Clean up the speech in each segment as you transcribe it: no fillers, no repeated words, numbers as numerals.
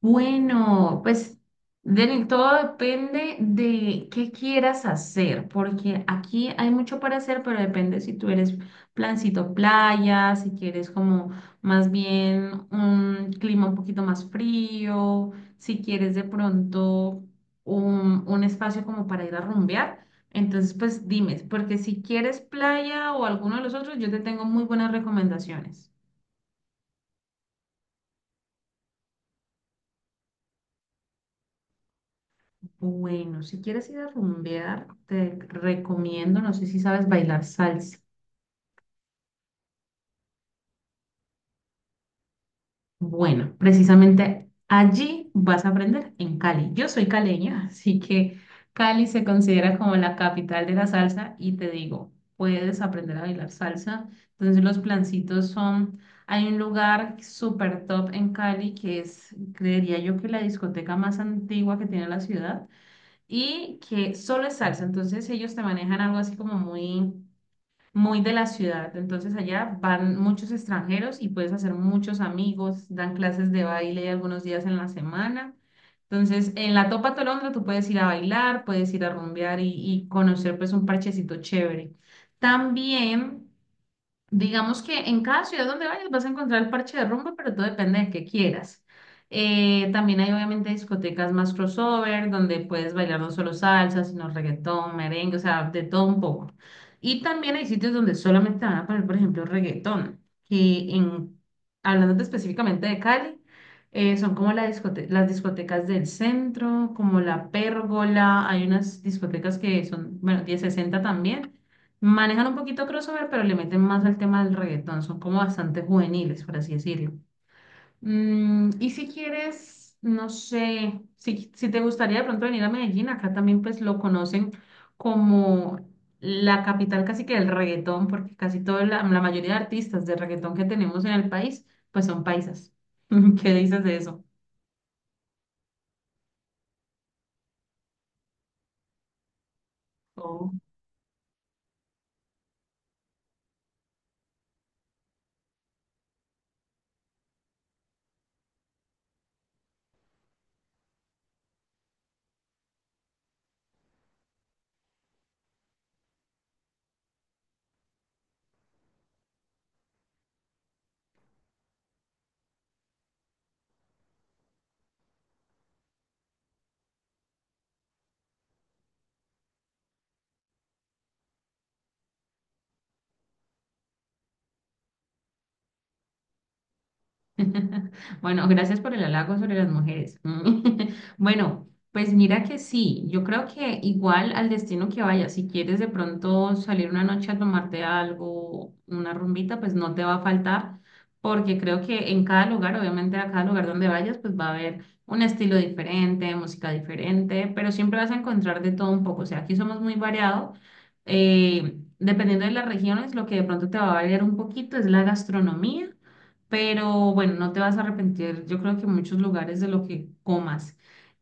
Bueno, pues Denny, todo depende de qué quieras hacer, porque aquí hay mucho para hacer, pero depende si tú eres plancito playa, si quieres como más bien un clima un poquito más frío, si quieres de pronto un espacio como para ir a rumbear. Entonces, pues dime, porque si quieres playa o alguno de los otros, yo te tengo muy buenas recomendaciones. Bueno, si quieres ir a rumbear, te recomiendo, no sé si sabes bailar salsa. Bueno, precisamente allí vas a aprender en Cali. Yo soy caleña, así que Cali se considera como la capital de la salsa y te digo, puedes aprender a bailar salsa. Entonces los plancitos son, hay un lugar súper top en Cali que es, creería yo que la discoteca más antigua que tiene la ciudad y que solo es salsa. Entonces ellos te manejan algo así como muy de la ciudad. Entonces allá van muchos extranjeros y puedes hacer muchos amigos, dan clases de baile algunos días en la semana. Entonces, en la Topa Tolondra tú puedes ir a bailar, puedes ir a rumbear y conocer pues un parchecito chévere. También digamos que en cada ciudad donde vayas vas a encontrar el parche de rumba, pero todo depende de qué quieras. También hay obviamente discotecas más crossover, donde puedes bailar no solo salsa, sino reggaetón, merengue, o sea, de todo un poco. Y también hay sitios donde solamente van a poner, por ejemplo, reggaetón, que en, hablando específicamente de Cali, son como las discotecas del centro, como la Pérgola, hay unas discotecas que son, bueno, 1060 también. Manejan un poquito crossover, pero le meten más al tema del reggaetón. Son como bastante juveniles, por así decirlo. Mm, y si quieres, no sé, si te gustaría de pronto venir a Medellín, acá también pues lo conocen como la capital casi que del reggaetón, porque casi toda la mayoría de artistas de reggaetón que tenemos en el país, pues son paisas. ¿Qué dices de eso? Oh. Bueno, gracias por el halago sobre las mujeres. Bueno, pues mira que sí, yo creo que igual al destino que vayas, si quieres de pronto salir una noche a tomarte algo, una rumbita, pues no te va a faltar, porque creo que en cada lugar, obviamente a cada lugar donde vayas, pues va a haber un estilo diferente, música diferente, pero siempre vas a encontrar de todo un poco. O sea, aquí somos muy variados. Dependiendo de las regiones, lo que de pronto te va a variar un poquito es la gastronomía, pero bueno, no te vas a arrepentir, yo creo que en muchos lugares de lo que comas.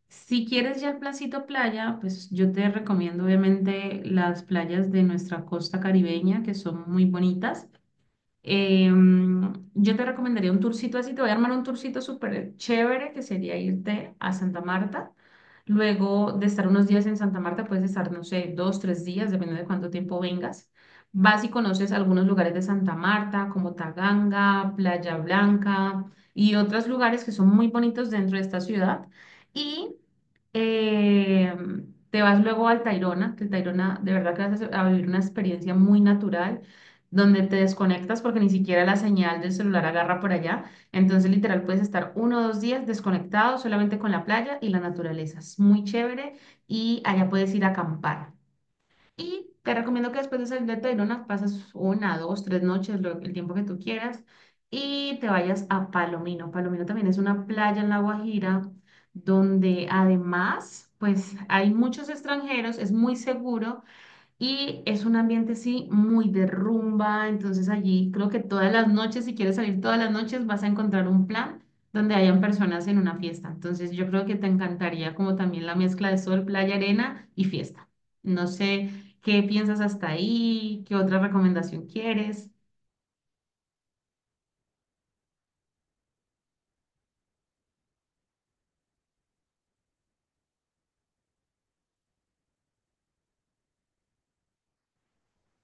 Si quieres ya el placito playa, pues yo te recomiendo obviamente las playas de nuestra costa caribeña, que son muy bonitas. Yo te recomendaría un tourcito así, te voy a armar un tourcito súper chévere que sería irte a Santa Marta. Luego de estar unos días en Santa Marta, puedes estar, no sé, dos, tres días, dependiendo de cuánto tiempo vengas. Vas y conoces algunos lugares de Santa Marta, como Taganga, Playa Blanca y otros lugares que son muy bonitos dentro de esta ciudad. Y eh, te vas luego al Tayrona, que el Tayrona de verdad que vas a vivir una experiencia muy natural donde te desconectas porque ni siquiera la señal del celular agarra por allá. Entonces, literal, puedes estar uno o dos días desconectado solamente con la playa y la naturaleza. Es muy chévere y allá puedes ir a acampar. Y te recomiendo que después de salir de Tayrona pasas una, dos, tres noches, el tiempo que tú quieras, y te vayas a Palomino. Palomino también es una playa en La Guajira donde además, pues hay muchos extranjeros, es muy seguro. Y es un ambiente, sí, muy de rumba. Entonces allí creo que todas las noches, si quieres salir todas las noches, vas a encontrar un plan donde hayan personas en una fiesta. Entonces yo creo que te encantaría como también la mezcla de sol, playa, arena y fiesta. No sé qué piensas hasta ahí, qué otra recomendación quieres.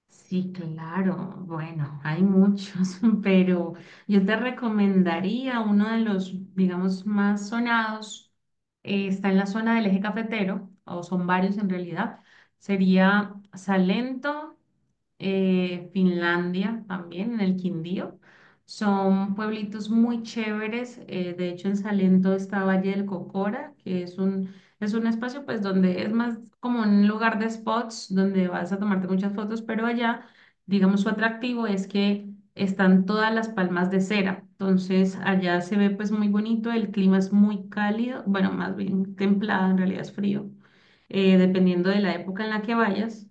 Sí, claro. Bueno, hay muchos, pero yo te recomendaría uno de los, digamos, más sonados. Está en la zona del eje cafetero, o son varios en realidad. Sería Salento, Finlandia también, en el Quindío. Son pueblitos muy chéveres. De hecho, en Salento está Valle del Cocora, que es un espacio pues donde es más como un lugar de spots donde vas a tomarte muchas fotos, pero allá, digamos, su atractivo es que están todas las palmas de cera. Entonces allá se ve pues muy bonito, el clima es muy cálido, bueno, más bien templado, en realidad es frío, dependiendo de la época en la que vayas.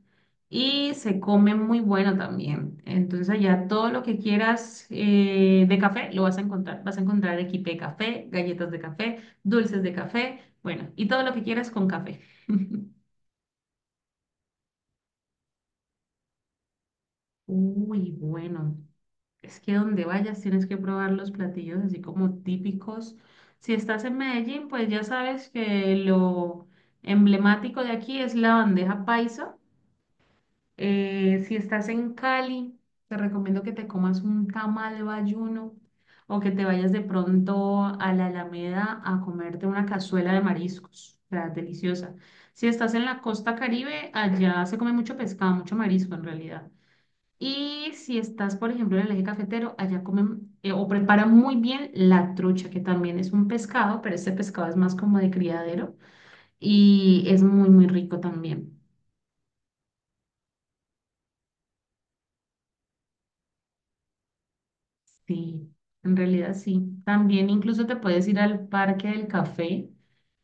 Y se come muy bueno también. Entonces allá todo lo que quieras de café lo vas a encontrar. Vas a encontrar equipe de café, galletas de café, dulces de café. Bueno, y todo lo que quieras con café. Uy, bueno, es que donde vayas tienes que probar los platillos así como típicos. Si estás en Medellín, pues ya sabes que lo emblemático de aquí es la bandeja paisa. Si estás en Cali, te recomiendo que te comas un tamal bayuno o que te vayas de pronto a la Alameda a comerte una cazuela de mariscos. O sea, deliciosa. Si estás en la costa Caribe, allá se come mucho pescado, mucho marisco en realidad. Y si estás, por ejemplo, en el eje cafetero, allá comen o preparan muy bien la trucha, que también es un pescado, pero este pescado es más como de criadero y es muy rico también. Sí, en realidad sí. También incluso te puedes ir al Parque del Café,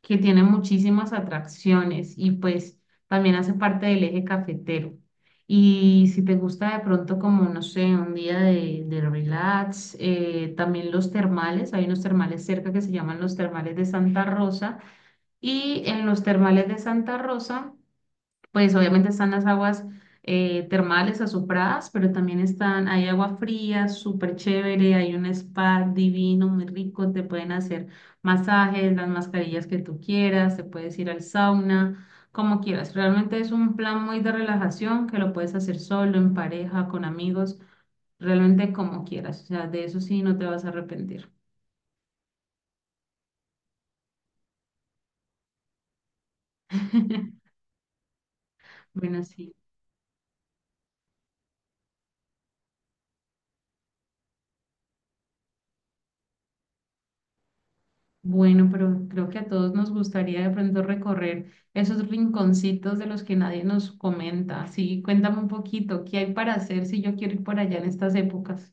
que tiene muchísimas atracciones y pues también hace parte del eje cafetero. Y si te gusta de pronto como, no sé, un día de relax, también los termales, hay unos termales cerca que se llaman los termales de Santa Rosa. Y en los termales de Santa Rosa pues obviamente están las aguas termales azufradas, pero también están, hay agua fría, súper chévere, hay un spa divino, muy rico, te pueden hacer masajes, las mascarillas que tú quieras, te puedes ir al sauna, como quieras. Realmente es un plan muy de relajación que lo puedes hacer solo, en pareja, con amigos, realmente como quieras. O sea, de eso sí no te vas a arrepentir. Bueno, sí. Bueno, pero creo que a todos nos gustaría de pronto recorrer esos rinconcitos de los que nadie nos comenta. Sí, cuéntame un poquito, ¿qué hay para hacer si yo quiero ir por allá en estas épocas?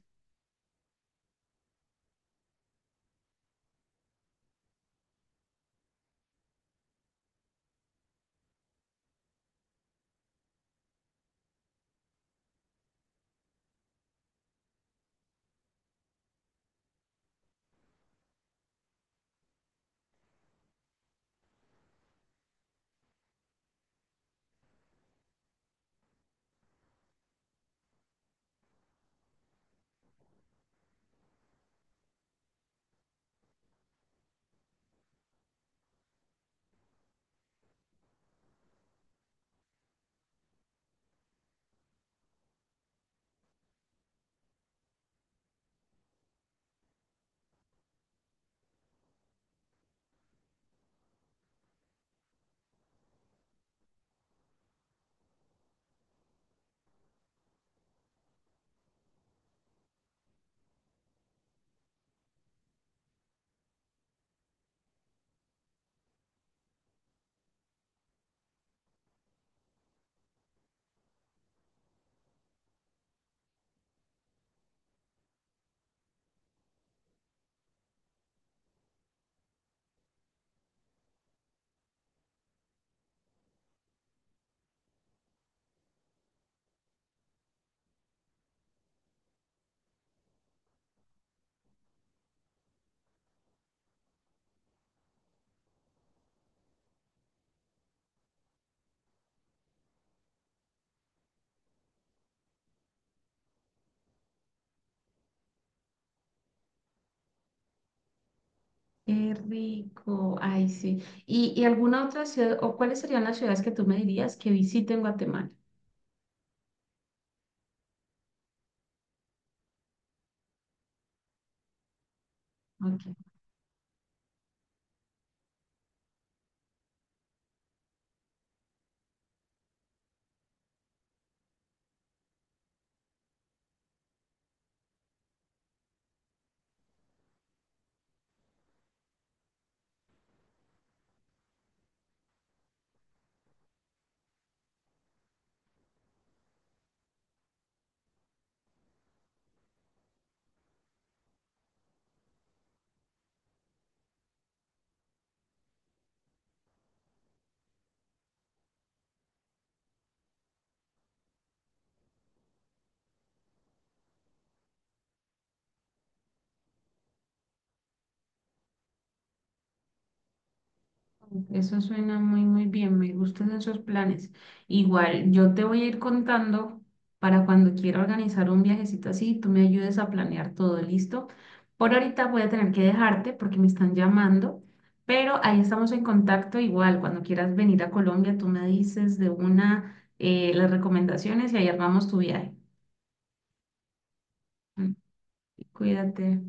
Qué rico, ay sí. ¿Y alguna otra ciudad, o cuáles serían las ciudades que tú me dirías que visite en Guatemala? Eso suena muy, muy bien, me gustan esos planes. Igual, yo te voy a ir contando para cuando quiera organizar un viajecito así, tú me ayudes a planear todo, ¿listo? Por ahorita voy a tener que dejarte porque me están llamando, pero ahí estamos en contacto igual. Cuando quieras venir a Colombia, tú me dices de una las recomendaciones y ahí armamos tu viaje. Mm, cuídate.